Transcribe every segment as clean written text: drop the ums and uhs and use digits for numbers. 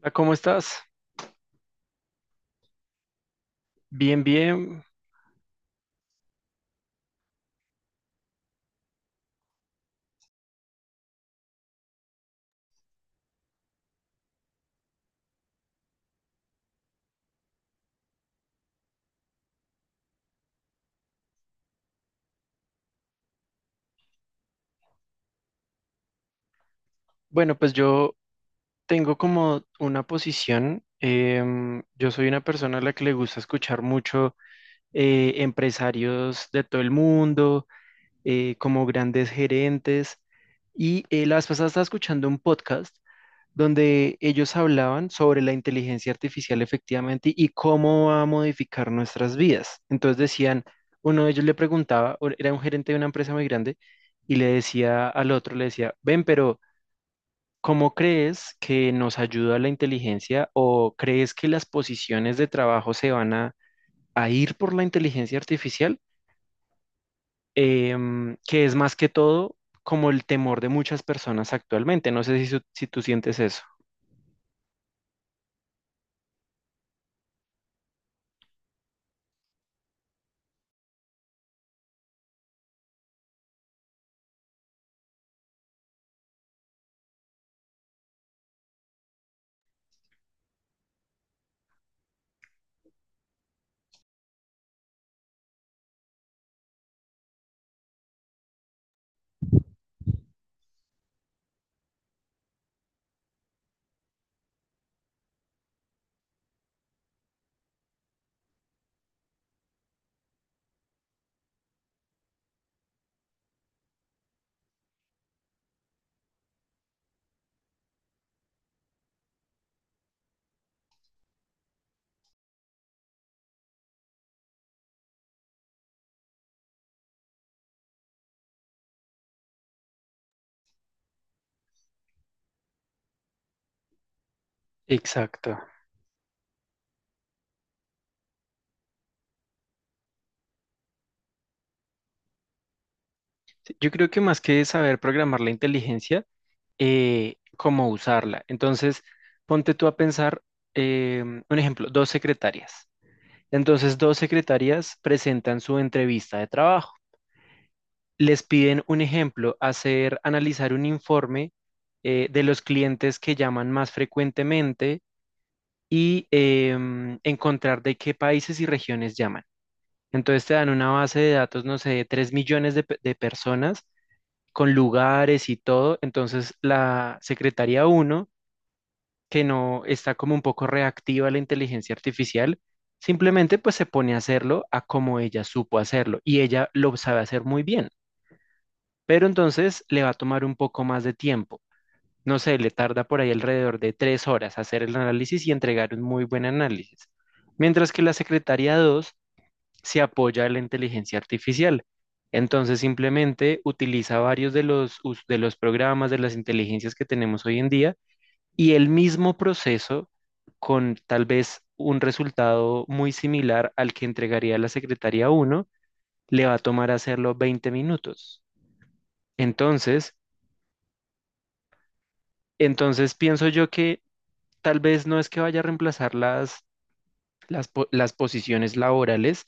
Hola, ¿cómo estás? Bien, bien. Bueno, pues yo tengo como una posición. Yo soy una persona a la que le gusta escuchar mucho empresarios de todo el mundo, como grandes gerentes. Y la vez pasada estaba escuchando un podcast donde ellos hablaban sobre la inteligencia artificial efectivamente y cómo va a modificar nuestras vidas. Entonces decían, uno de ellos le preguntaba, o era un gerente de una empresa muy grande, y le decía al otro, le decía, ven, pero ¿cómo crees que nos ayuda la inteligencia o crees que las posiciones de trabajo se van a ir por la inteligencia artificial? Que es más que todo como el temor de muchas personas actualmente. No sé si, si tú sientes eso. Exacto. Yo creo que más que saber programar la inteligencia, cómo usarla. Entonces, ponte tú a pensar, un ejemplo, dos secretarias. Entonces, dos secretarias presentan su entrevista de trabajo. Les piden un ejemplo, hacer, analizar un informe de los clientes que llaman más frecuentemente y encontrar de qué países y regiones llaman. Entonces te dan una base de datos, no sé, de 3.000.000 de personas con lugares y todo. Entonces, la secretaría uno, que no está como un poco reactiva a la inteligencia artificial, simplemente pues se pone a hacerlo a como ella supo hacerlo y ella lo sabe hacer muy bien, pero entonces le va a tomar un poco más de tiempo. No sé, le tarda por ahí alrededor de 3 horas hacer el análisis y entregar un muy buen análisis. Mientras que la secretaría 2 se apoya en la inteligencia artificial. Entonces simplemente utiliza varios de los programas, de las inteligencias que tenemos hoy en día y el mismo proceso con tal vez un resultado muy similar al que entregaría la secretaría uno le va a tomar hacerlo 20 minutos. Entonces, entonces pienso yo que tal vez no es que vaya a reemplazar las posiciones laborales,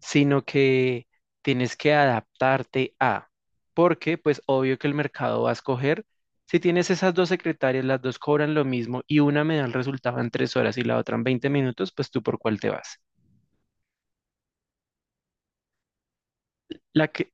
sino que tienes que adaptarte porque pues obvio que el mercado va a escoger, si tienes esas dos secretarias, las dos cobran lo mismo y una me da el resultado en 3 horas y la otra en 20 minutos, pues tú por cuál te vas. La que,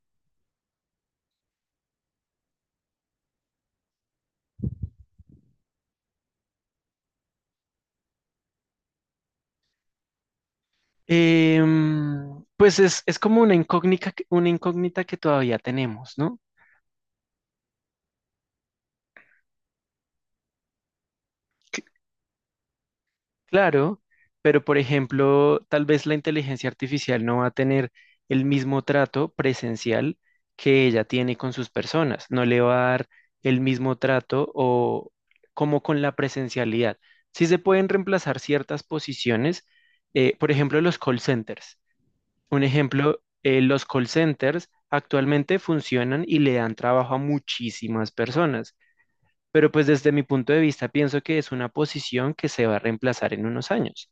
pues es como una incógnita, una incógnita que todavía tenemos, ¿no? Claro, pero por ejemplo, tal vez la inteligencia artificial no va a tener el mismo trato presencial que ella tiene con sus personas, no le va a dar el mismo trato o como con la presencialidad. Sí se pueden reemplazar ciertas posiciones, por ejemplo, los call centers. Un ejemplo, los call centers actualmente funcionan y le dan trabajo a muchísimas personas, pero pues desde mi punto de vista pienso que es una posición que se va a reemplazar en unos años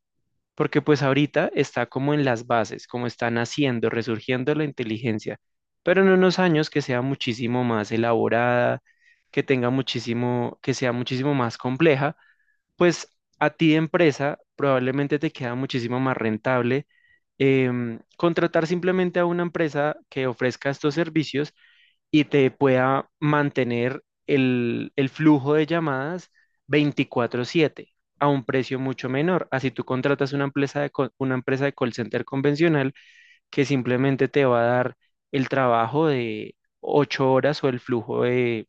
porque pues ahorita está como en las bases, como está naciendo, resurgiendo la inteligencia, pero en unos años que sea muchísimo más elaborada, que tenga muchísimo, que sea muchísimo más compleja, pues a ti de empresa probablemente te queda muchísimo más rentable contratar simplemente a una empresa que ofrezca estos servicios y te pueda mantener el flujo de llamadas 24/7 a un precio mucho menor. Así tú contratas una empresa una empresa de call center convencional que simplemente te va a dar el trabajo de 8 horas o el flujo de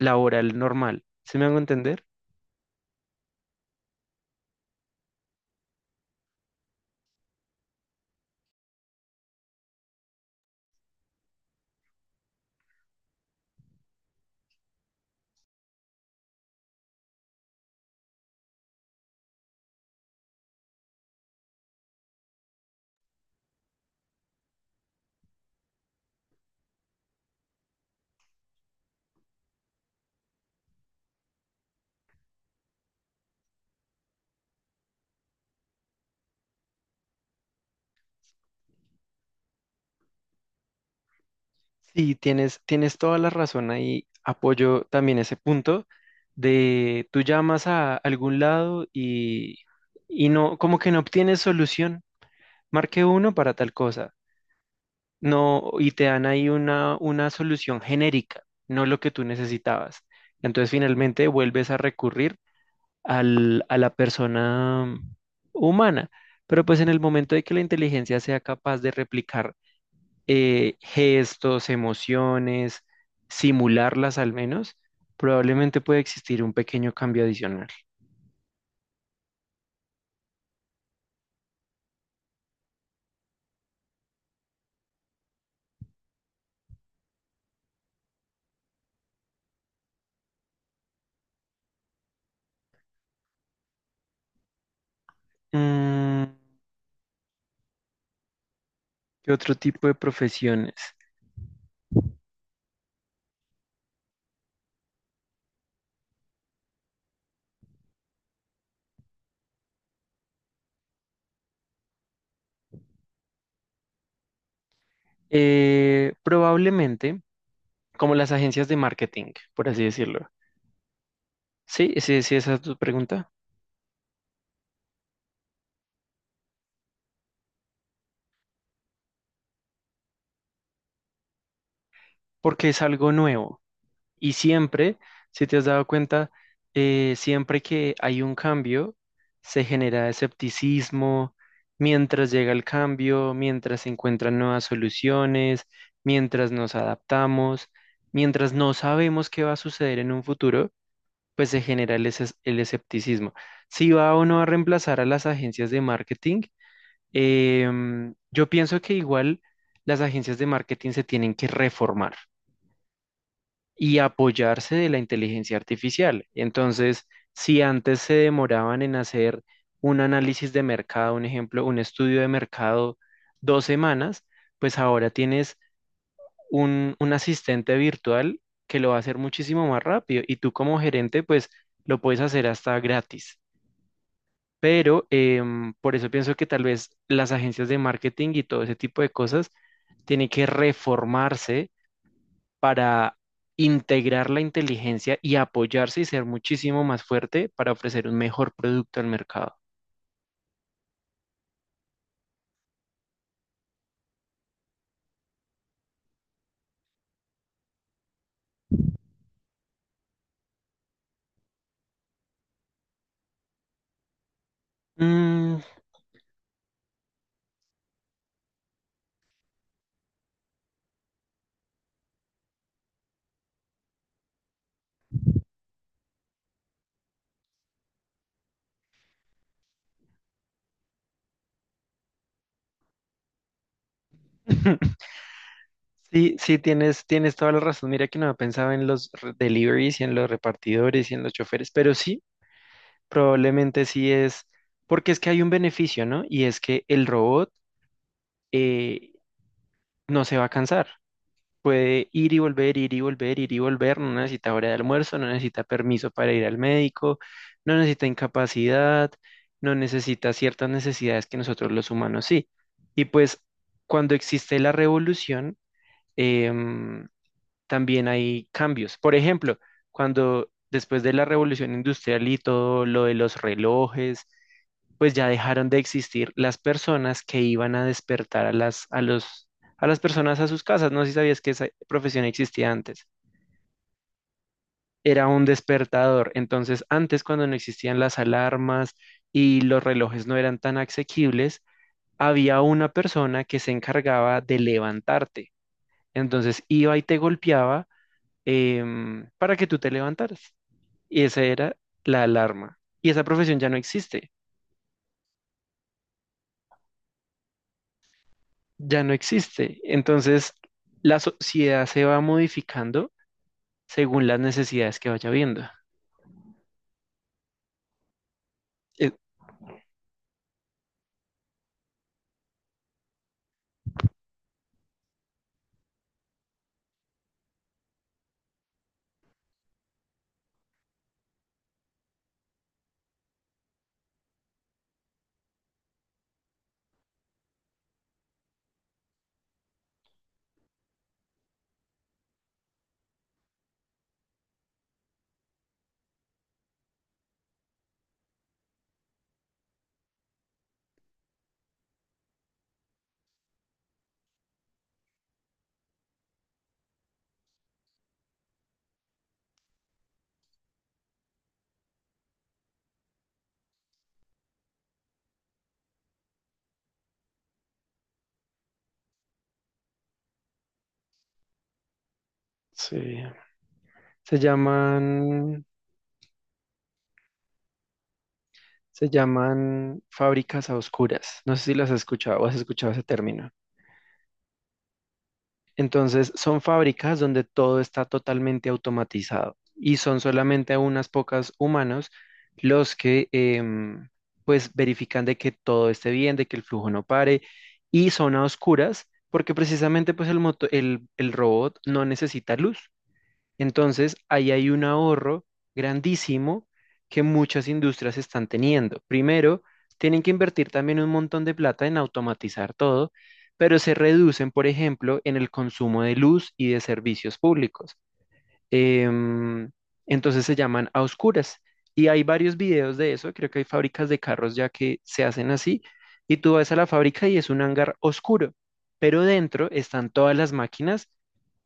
laboral normal. ¿Se me hago entender? Sí, tienes toda la razón ahí. Apoyo también ese punto de tú llamas a algún lado y no, como que no obtienes solución. Marque uno para tal cosa. No, y te dan ahí una solución genérica, no lo que tú necesitabas. Entonces finalmente vuelves a recurrir a la persona humana. Pero pues en el momento de que la inteligencia sea capaz de replicar gestos, emociones, simularlas al menos, probablemente puede existir un pequeño cambio adicional. Mm, ¿qué otro tipo de profesiones? Probablemente. Como las agencias de marketing, por así decirlo. Sí, sí, sí, esa es tu pregunta, porque es algo nuevo. Y siempre, si te has dado cuenta, siempre que hay un cambio, se genera escepticismo, mientras llega el cambio, mientras se encuentran nuevas soluciones, mientras nos adaptamos, mientras no sabemos qué va a suceder en un futuro, pues se genera el escepticismo. Si va o no a reemplazar a las agencias de marketing, yo pienso que igual las agencias de marketing se tienen que reformar y apoyarse de la inteligencia artificial. Entonces, si antes se demoraban en hacer un análisis de mercado, un ejemplo, un estudio de mercado 2 semanas, pues ahora tienes un asistente virtual que lo va a hacer muchísimo más rápido y tú como gerente, pues lo puedes hacer hasta gratis. Pero por eso pienso que tal vez las agencias de marketing y todo ese tipo de cosas tiene que reformarse para integrar la inteligencia y apoyarse y ser muchísimo más fuerte para ofrecer un mejor producto al mercado. Mm. Sí, sí, tienes toda la razón. Mira que no había pensado en los deliveries y en los repartidores y en los choferes, pero sí, probablemente sí es, porque es que hay un beneficio, ¿no? Y es que el robot eh, no se va a cansar. Puede ir y volver, ir y volver, ir y volver, no necesita hora de almuerzo, no necesita permiso para ir al médico, no necesita incapacidad, no necesita ciertas necesidades que nosotros los humanos sí. Y pues cuando existe la revolución, em, también hay cambios. Por ejemplo, cuando después de la revolución industrial y todo lo de los relojes, pues ya dejaron de existir las personas que iban a despertar a las personas a sus casas. No sé si sabías que esa profesión existía antes. Era un despertador. Entonces, antes cuando no existían las alarmas y los relojes no eran tan asequibles, había una persona que se encargaba de levantarte. Entonces iba y te golpeaba para que tú te levantaras. Y esa era la alarma. Y esa profesión ya no existe, ya no existe. Entonces, la sociedad se va modificando según las necesidades que vaya viendo. Eh, sí. Se llaman, se llaman fábricas a oscuras. No sé si las has escuchado o has escuchado ese término. Entonces, son fábricas donde todo está totalmente automatizado y son solamente unas pocas humanos los que pues verifican de que todo esté bien, de que el flujo no pare y son a oscuras porque precisamente pues el robot no necesita luz. Entonces, ahí hay un ahorro grandísimo que muchas industrias están teniendo. Primero, tienen que invertir también un montón de plata en automatizar todo, pero se reducen, por ejemplo, en el consumo de luz y de servicios públicos. Em, entonces se llaman a oscuras. Y hay varios videos de eso, creo que hay fábricas de carros ya que se hacen así, y tú vas a la fábrica y es un hangar oscuro, pero dentro están todas las máquinas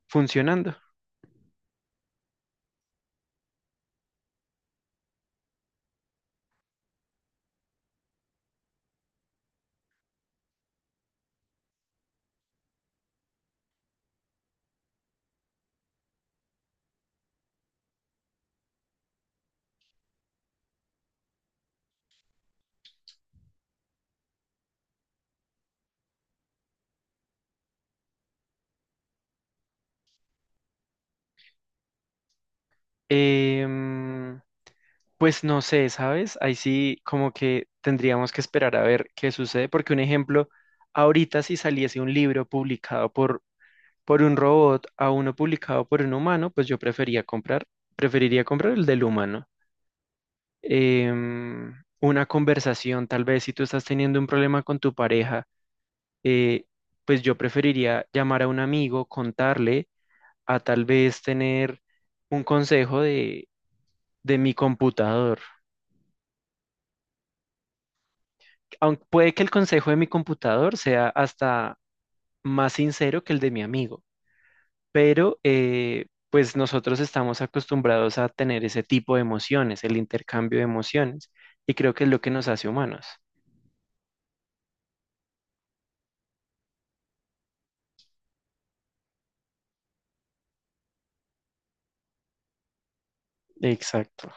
funcionando. Em, Pues no sé, ¿sabes? Ahí sí como que tendríamos que esperar a ver qué sucede, porque un ejemplo, ahorita si saliese un libro publicado por un robot a uno publicado por un humano, pues yo preferiría comprar el del humano. Em, una conversación, tal vez si tú estás teniendo un problema con tu pareja, eh, pues yo preferiría llamar a un amigo, contarle, a tal vez tener un consejo de mi computador. Aunque puede que el consejo de mi computador sea hasta más sincero que el de mi amigo, pero pues nosotros estamos acostumbrados a tener ese tipo de emociones, el intercambio de emociones, y creo que es lo que nos hace humanos. Exacto.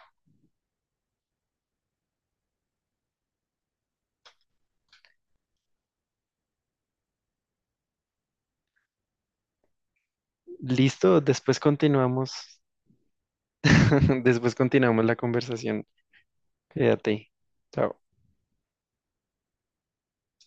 Listo, después continuamos. Después continuamos la conversación. Quédate. Chao.